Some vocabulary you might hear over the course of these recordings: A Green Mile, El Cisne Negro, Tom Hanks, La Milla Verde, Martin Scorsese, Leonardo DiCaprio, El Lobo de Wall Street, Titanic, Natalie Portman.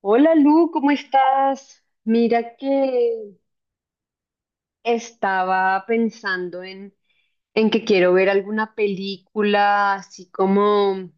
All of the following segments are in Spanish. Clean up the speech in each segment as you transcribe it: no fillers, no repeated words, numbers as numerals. Hola Lu, ¿cómo estás? Mira que estaba pensando en que quiero ver alguna película, así como,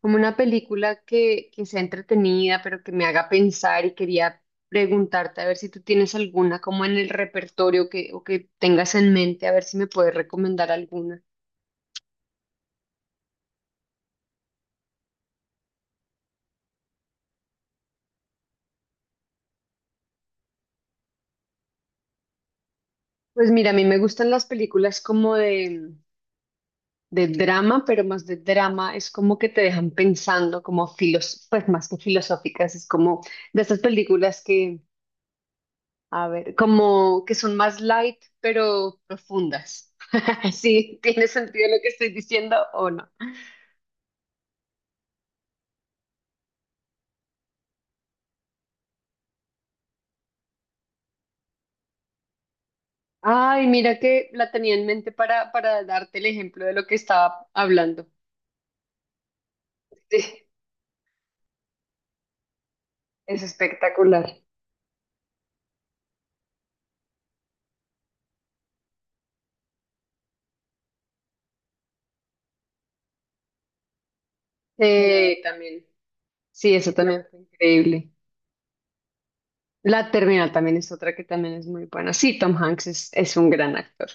como una película que sea entretenida, pero que me haga pensar y quería preguntarte a ver si tú tienes alguna como en el repertorio que, o que tengas en mente, a ver si me puedes recomendar alguna. Pues mira, a mí me gustan las películas como de drama, pero más de drama, es como que te dejan pensando, como filos, pues más que filosóficas, es como de estas películas que, a ver, como que son más light, pero profundas. ¿Sí tiene sentido lo que estoy diciendo o no? Ay, mira que la tenía en mente para darte el ejemplo de lo que estaba hablando. Sí, es espectacular. También. Sí, eso también fue increíble. La Terminal también es otra que también es muy buena. Sí, Tom Hanks es un gran actor.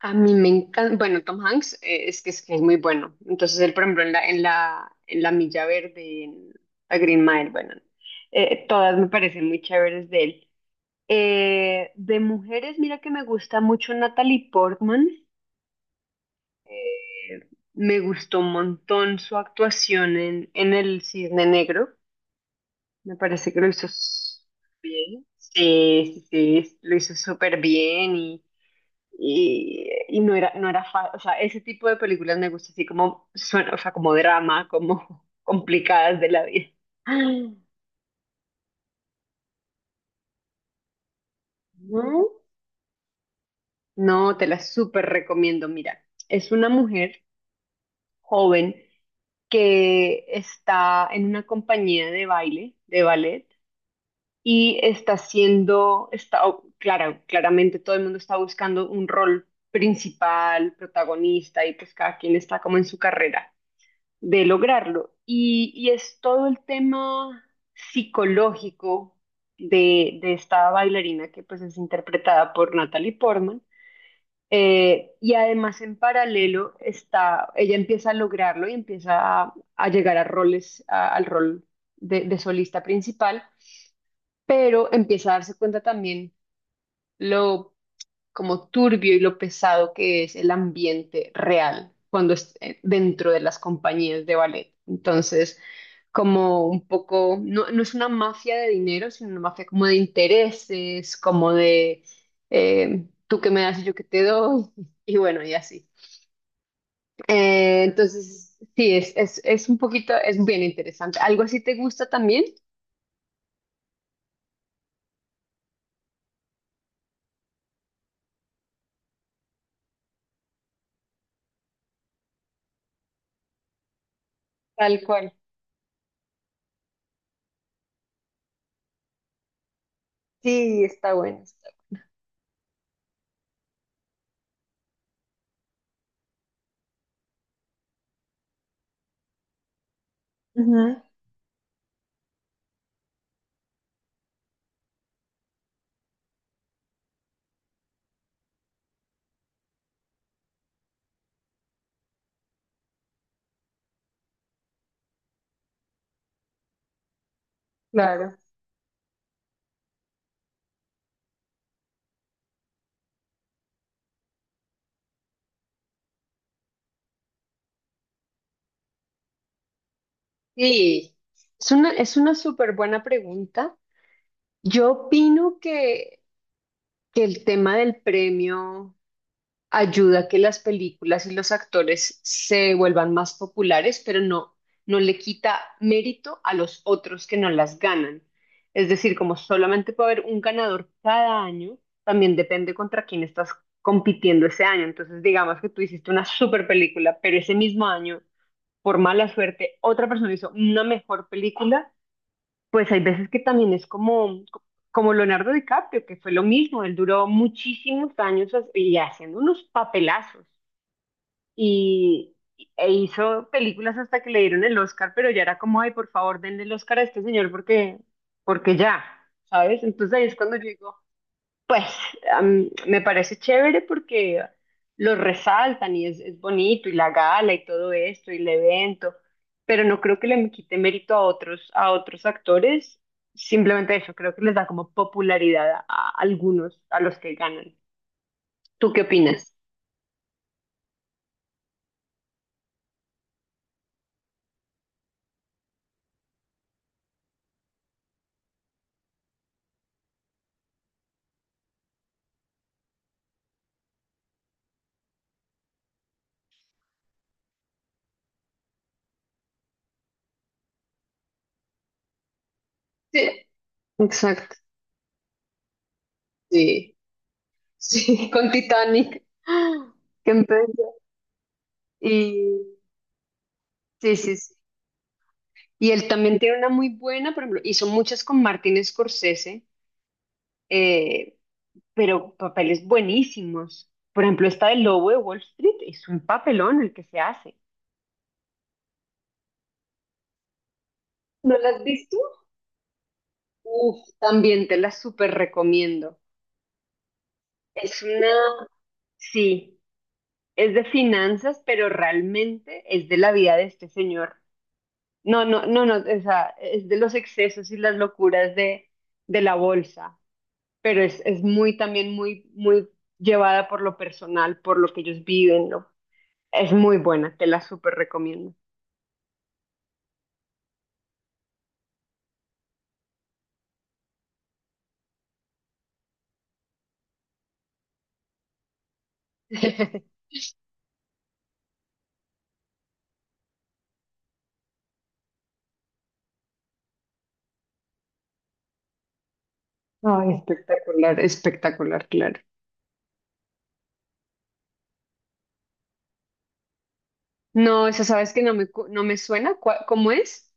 A mí me encanta, bueno, Tom Hanks es que es, que es muy bueno. Entonces él, por ejemplo, en la Milla Verde, en A Green Mile, bueno, todas me parecen muy chéveres de él. De mujeres, mira que me gusta mucho Natalie Portman. Eh, Me gustó un montón su actuación en El Cisne Negro. Me parece que lo hizo bien. Sí, sí, sí, sí, lo hizo súper bien y no era, no era fácil. O sea, ese tipo de películas me gusta así como suena, o sea, como drama, como complicadas de la vida. No, no, te la súper recomiendo. Mira, es una mujer joven que está en una compañía de baile, de ballet. Y está siendo, está, claro, claramente todo el mundo está buscando un rol principal, protagonista, y pues cada quien está como en su carrera de lograrlo. Y es todo el tema psicológico de esta bailarina que pues es interpretada por Natalie Portman. Y además en paralelo está, ella empieza a lograrlo y empieza a llegar a roles, al rol de solista principal pero empieza a darse cuenta también lo como turbio y lo pesado que es el ambiente real cuando es dentro de las compañías de ballet. Entonces, como un poco, no, no es una mafia de dinero, sino una mafia como de intereses, como de tú que me das y yo que te doy, y bueno, y así. Entonces, sí, es un poquito, es bien interesante. ¿Algo así te gusta también? Tal cual. Sí, está bueno. Está bueno. Ujú, claro. Sí, es una súper buena pregunta. Yo opino que el tema del premio ayuda a que las películas y los actores se vuelvan más populares, pero no, no le quita mérito a los otros que no las ganan. Es decir, como solamente puede haber un ganador cada año, también depende contra quién estás compitiendo ese año. Entonces, digamos que tú hiciste una súper película, pero ese mismo año, por mala suerte, otra persona hizo una mejor película, pues hay veces que también es como, como Leonardo DiCaprio, que fue lo mismo, él duró muchísimos años y haciendo unos papelazos y, e hizo películas hasta que le dieron el Oscar, pero ya era como, ay, por favor, denle el Oscar a este señor porque, porque ya, ¿sabes? Entonces ahí es cuando yo digo, pues me parece chévere porque lo resaltan y es bonito y la gala y todo esto y el evento, pero no creo que le quite mérito a otros actores, simplemente eso, creo que les da como popularidad a algunos, a los que ganan. ¿Tú qué opinas? Sí, exacto. Sí, sí, con Titanic. Que empezó. Y sí, sí, sí. Y él también tiene una muy buena, por ejemplo, hizo muchas con Martin Scorsese. eh, pero papeles buenísimos. Por ejemplo, esta del Lobo de Wall Street es un papelón el que se hace. ¿No la has visto? Uf, también te la súper recomiendo. Es una, sí, es de finanzas, pero realmente es de la vida de este señor. No, no, no, no, o sea, es de los excesos y las locuras de la bolsa, pero es muy también muy, muy llevada por lo personal, por lo que ellos viven, ¿no? Es muy buena, te la súper recomiendo. Ay, espectacular, espectacular, claro. No, eso sabes que no me, cu- no me suena, cua- ¿cómo es?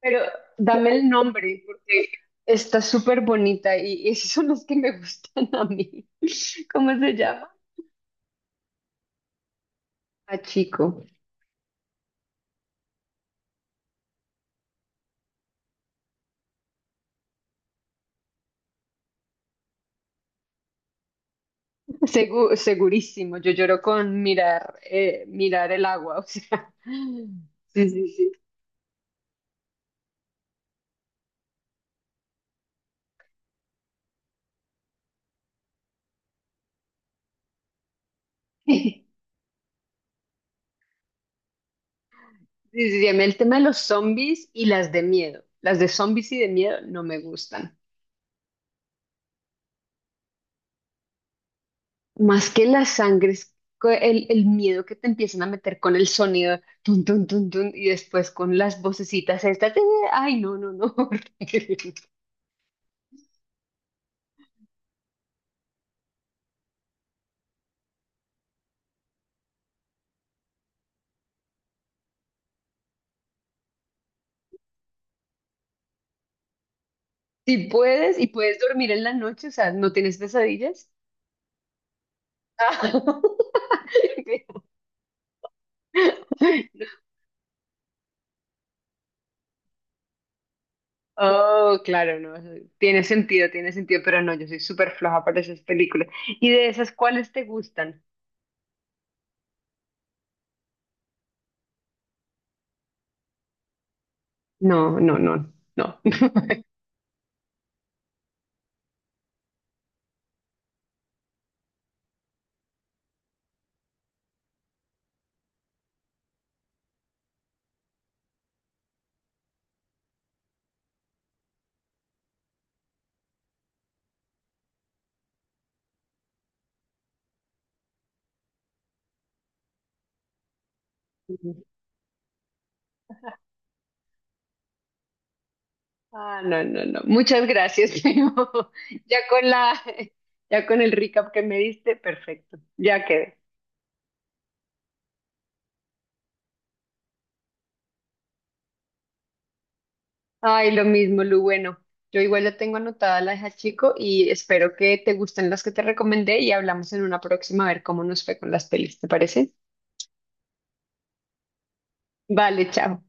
Pero dame el nombre, porque está súper bonita y esos son los que me gustan a mí. ¿Cómo se llama? A chico. Segu- segurísimo, yo lloro con mirar, mirar el agua, o sea. Sí, sí, sí. sí, sí, sí, a mí el tema de los zombies y las de miedo. Las de zombies y de miedo no me gustan. Más que la sangre, es el miedo que te empiezan a meter con el sonido, tun, tun, tun, tun, y después con las vocecitas estas, de, ay, no, no, no. Horrible. Si puedes y puedes dormir en la noche, o sea, ¿no tienes pesadillas? Ah. oh, claro, no, eso tiene sentido, pero no, yo soy súper floja para esas películas. ¿Y de esas cuáles te gustan? No, no, no, no. ah, no, no, no. Muchas gracias, primo. Ya con la, ya con el recap que me diste, perfecto. Ya quedé. Ay, lo mismo, Lu. Bueno, yo igual ya tengo anotada la hija chico y espero que te gusten las que te recomendé y hablamos en una próxima a ver cómo nos fue con las pelis, ¿te parece? Vale, chao.